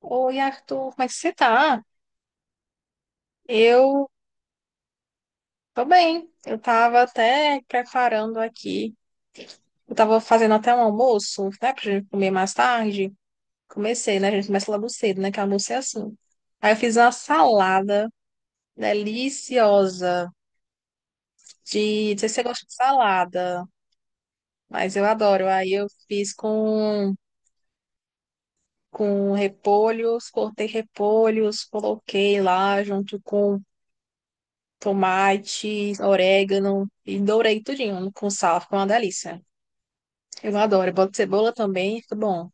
Oi, Arthur, como é que você tá? Eu tô bem. Eu tava até preparando aqui. Eu tava fazendo até um almoço, né, pra gente comer mais tarde. Comecei, né? A gente começa logo cedo, né? Que almoço é assim. Aí eu fiz uma salada deliciosa. Não sei se você gosta de salada, mas eu adoro. Aí eu fiz com repolhos, cortei repolhos, coloquei lá junto com tomate, orégano e dourei tudinho com sal, fica uma delícia. Eu adoro, eu boto cebola também, fica bom.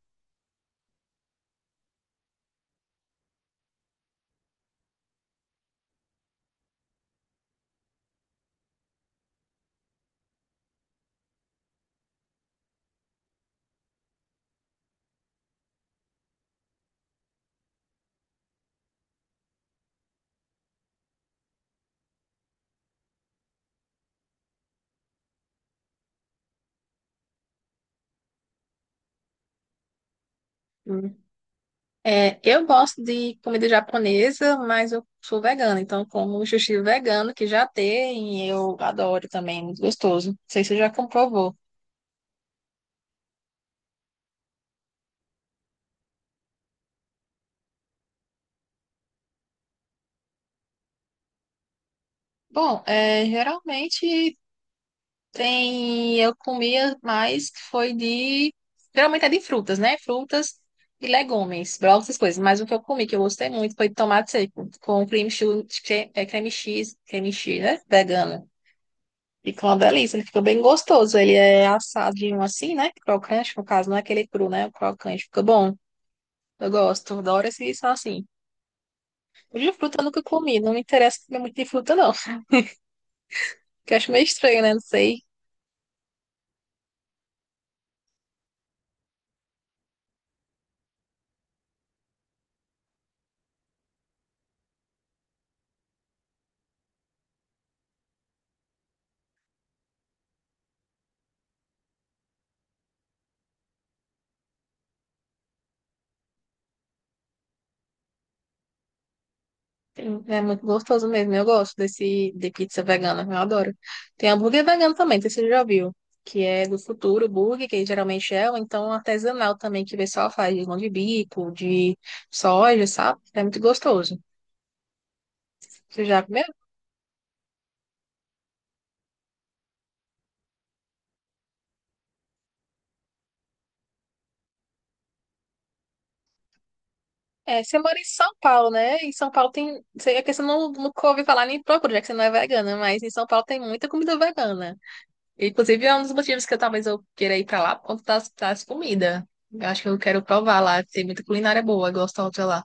Hum. É, eu gosto de comida japonesa, mas eu sou vegana, então como sushi vegano que já tem, eu adoro também, é muito gostoso. Não sei se você já comprovou. Bom, é, geralmente, tem, eu comia mais, foi de. Geralmente é de frutas, né? Frutas e legumes, brócolis, essas coisas. Mas o que eu comi, que eu gostei muito, foi de tomate seco, com creme cheese, né? Vegana. Ficou uma delícia, ele ficou bem gostoso. Ele é assadinho assim, né? Crocante, no caso, não é aquele cru, né? O crocante, fica bom. Eu gosto, adoro esse isso assim. De fruta eu nunca comi, não me interessa comer muito de fruta, não. Que eu acho meio estranho, né? Não sei. Sim, é muito gostoso mesmo. Eu gosto desse de pizza vegana, eu adoro. Tem hambúrguer vegano também, não sei se você já viu, que é do futuro burger, que geralmente é, ou então artesanal também, que o pessoal faz de mão de bico, de soja, sabe? É muito gostoso. Você já comeu? É, você mora em São Paulo, né? Em São Paulo tem. É que você não, nunca ouviu falar nem procura, já que você não é vegana, mas em São Paulo tem muita comida vegana. Inclusive, é um dos motivos que eu, talvez eu queira ir pra lá por conta das comidas. Eu acho que eu quero provar lá. Tem muita culinária boa, gosto da outra lá.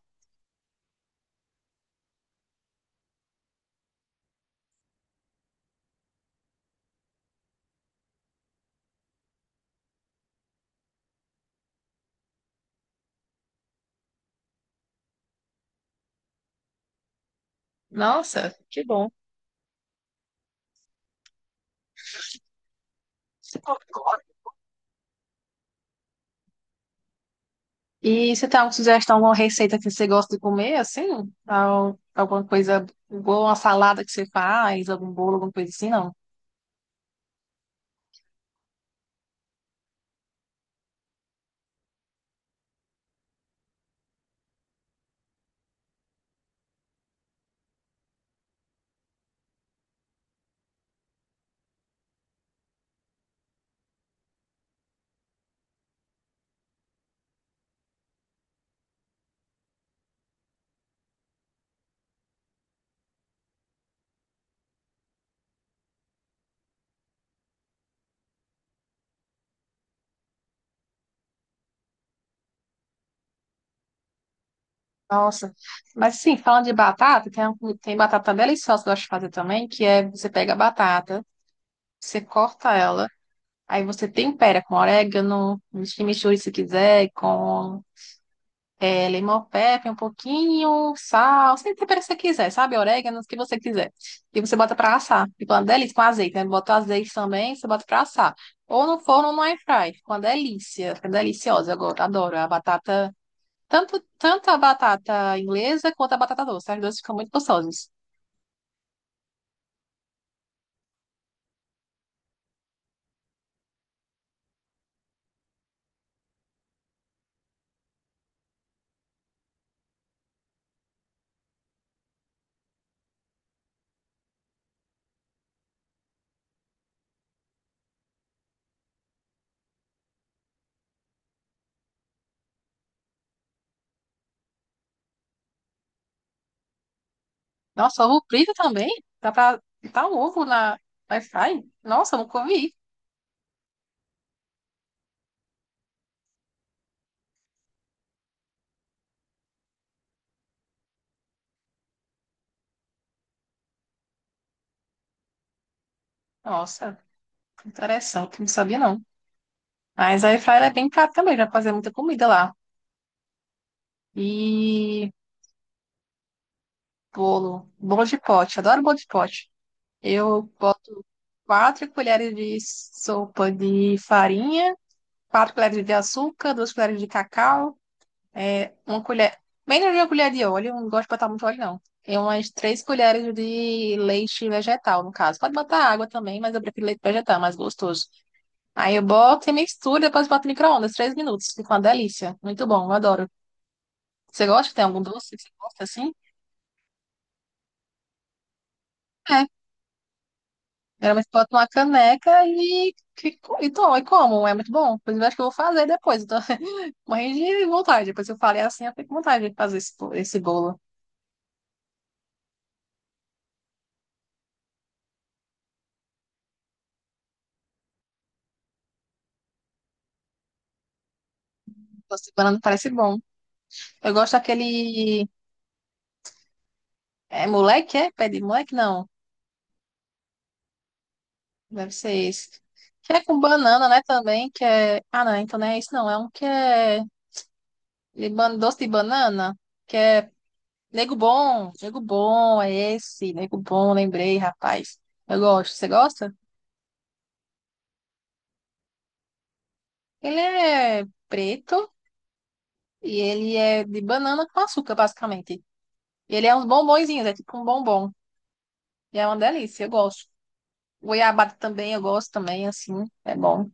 Nossa, que bom. E você tem alguma sugestão, alguma receita que você gosta de comer, assim? Alguma coisa boa, uma salada que você faz, algum bolo, alguma coisa assim, não? Nossa. Mas, assim, falando de batata, tem batata deliciosa que eu gosto de fazer também, que é você pega a batata, você corta ela, aí você tempera com orégano, chimichurri se quiser, com é, limão pepper um pouquinho, sal, você tempera se você quiser, sabe? Orégano, o que você quiser. E você bota pra assar. Fica uma delícia com azeite, né? Bota o azeite também, você bota pra assar. Ou no forno ou no air fry. Fica uma delícia, fica deliciosa. Eu adoro a batata, tanto a batata inglesa quanto a batata doce. As duas ficam muito gostosas. Nossa, ovo frito também? Dá pra botar o ovo na no air fry? Nossa, eu nunca vi. Nossa. Interessante, não sabia não. Mas a air é bem prática também, já fazer muita comida lá. E bolo de pote, adoro bolo de pote. Eu boto 4 colheres de sopa de farinha, 4 colheres de açúcar, 2 colheres de cacau, é, uma colher, menos de uma colher de óleo, eu não gosto de botar muito óleo não. E umas 3 colheres de leite vegetal, no caso. Pode botar água também, mas eu prefiro leite vegetal, é mais gostoso. Aí eu boto e misturo, depois boto no micro-ondas, 3 minutos. Fica uma delícia. Muito bom, eu adoro. Você gosta? Tem algum doce que você gosta assim? É. Geralmente boto numa caneca e tomo, e como. É muito bom. Inclusive, acho que eu vou fazer depois. Eu tô morrendo de vontade. Depois que eu falei assim, eu fico com vontade de fazer esse bolo. Doce de banana parece bom. Eu gosto daquele. É moleque, é? Pé de moleque? Não. Deve ser esse. Que é com banana, né? Também, que é. Ah, não, então não é isso, não. É um que é. Doce de banana que é Nego bom. Nego bom, é esse. Nego bom, lembrei, rapaz. Eu gosto, você gosta? Ele é preto e ele é de banana com açúcar, basicamente. E ele é uns bombonzinhos, é tipo um bombom. E é uma delícia, eu gosto. Goiabada também, eu gosto também, assim, é bom.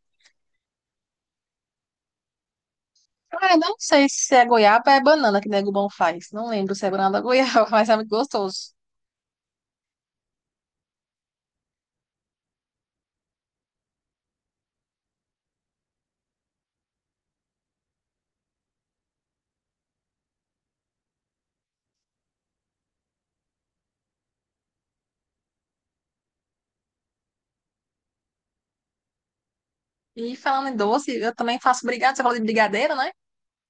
Ah, eu não sei se é goiaba ou é banana que nego bom faz. Não lembro se é banana ou goiaba, mas é muito gostoso. E falando em doce, eu também faço brigadeiro, você falou de brigadeiro, né?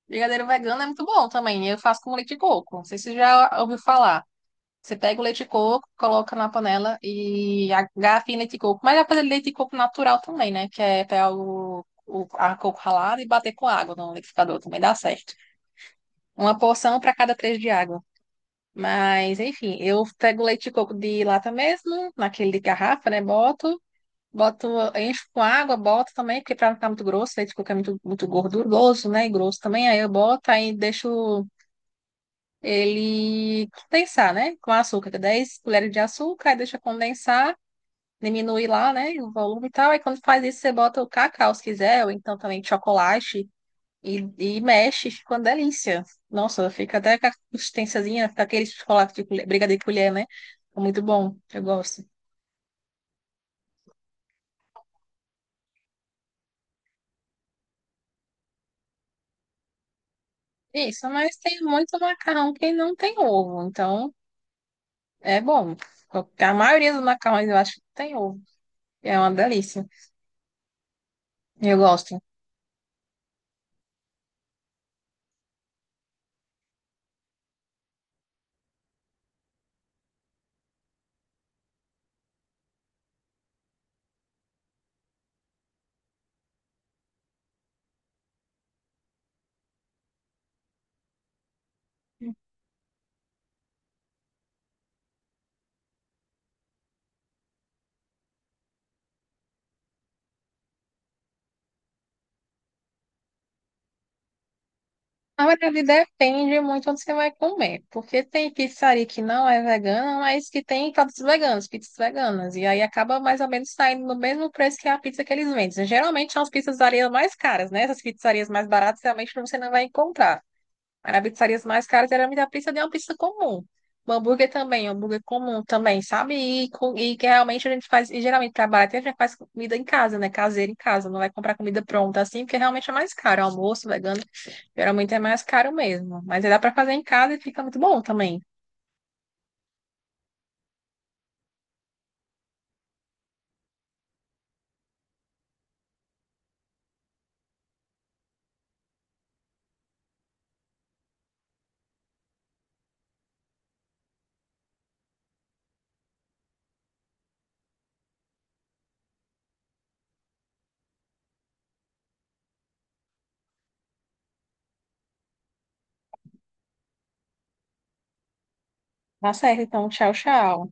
Brigadeiro vegano é muito bom também. Eu faço com leite de coco. Não sei se você já ouviu falar. Você pega o leite de coco, coloca na panela e agafa em leite de coco. Mas dá pra fazer leite de coco natural também, né? Que é pegar o a coco ralado e bater com água no liquidificador. Também dá certo. Uma porção para cada três de água. Mas, enfim, eu pego o leite de coco de lata mesmo, naquele de garrafa, né? Boto, encho com água, boto também, porque pra não ficar muito grosso, leite de coco é muito, muito gorduroso, né? E grosso também. Aí eu boto, aí deixo ele condensar, né? Com açúcar, 10 colheres de açúcar, aí deixa condensar, diminui lá, né? O volume e tal. Aí quando faz isso, você bota o cacau, se quiser, ou então também chocolate, e mexe, fica uma delícia. Nossa, fica até com a consistênciazinha, fica aquele chocolate de colher, brigadeiro de colher, né? É muito bom, eu gosto. Isso, mas tem muito macarrão que não tem ovo, então é bom. A maioria dos macarrões eu acho que tem ovo, é uma delícia. Eu gosto. Na verdade, depende muito onde você vai comer, porque tem pizzaria que não é vegana, mas que tem produtos veganos, pizzas veganas, e aí acaba mais ou menos saindo no mesmo preço que a pizza que eles vendem. Geralmente são as pizzarias mais caras, né? Essas pizzarias mais baratas realmente você não vai encontrar. Mas as pizzarias mais caras geralmente a pizza é uma pizza comum. O hambúrguer também, o hambúrguer comum também, sabe? E, e que realmente a gente faz, e geralmente para barato a gente faz comida em casa, né? Caseira em casa, não vai comprar comida pronta assim, porque realmente é mais caro, almoço vegano, geralmente é mais caro mesmo, mas aí dá para fazer em casa e fica muito bom também. Tá certo, então, tchau, tchau.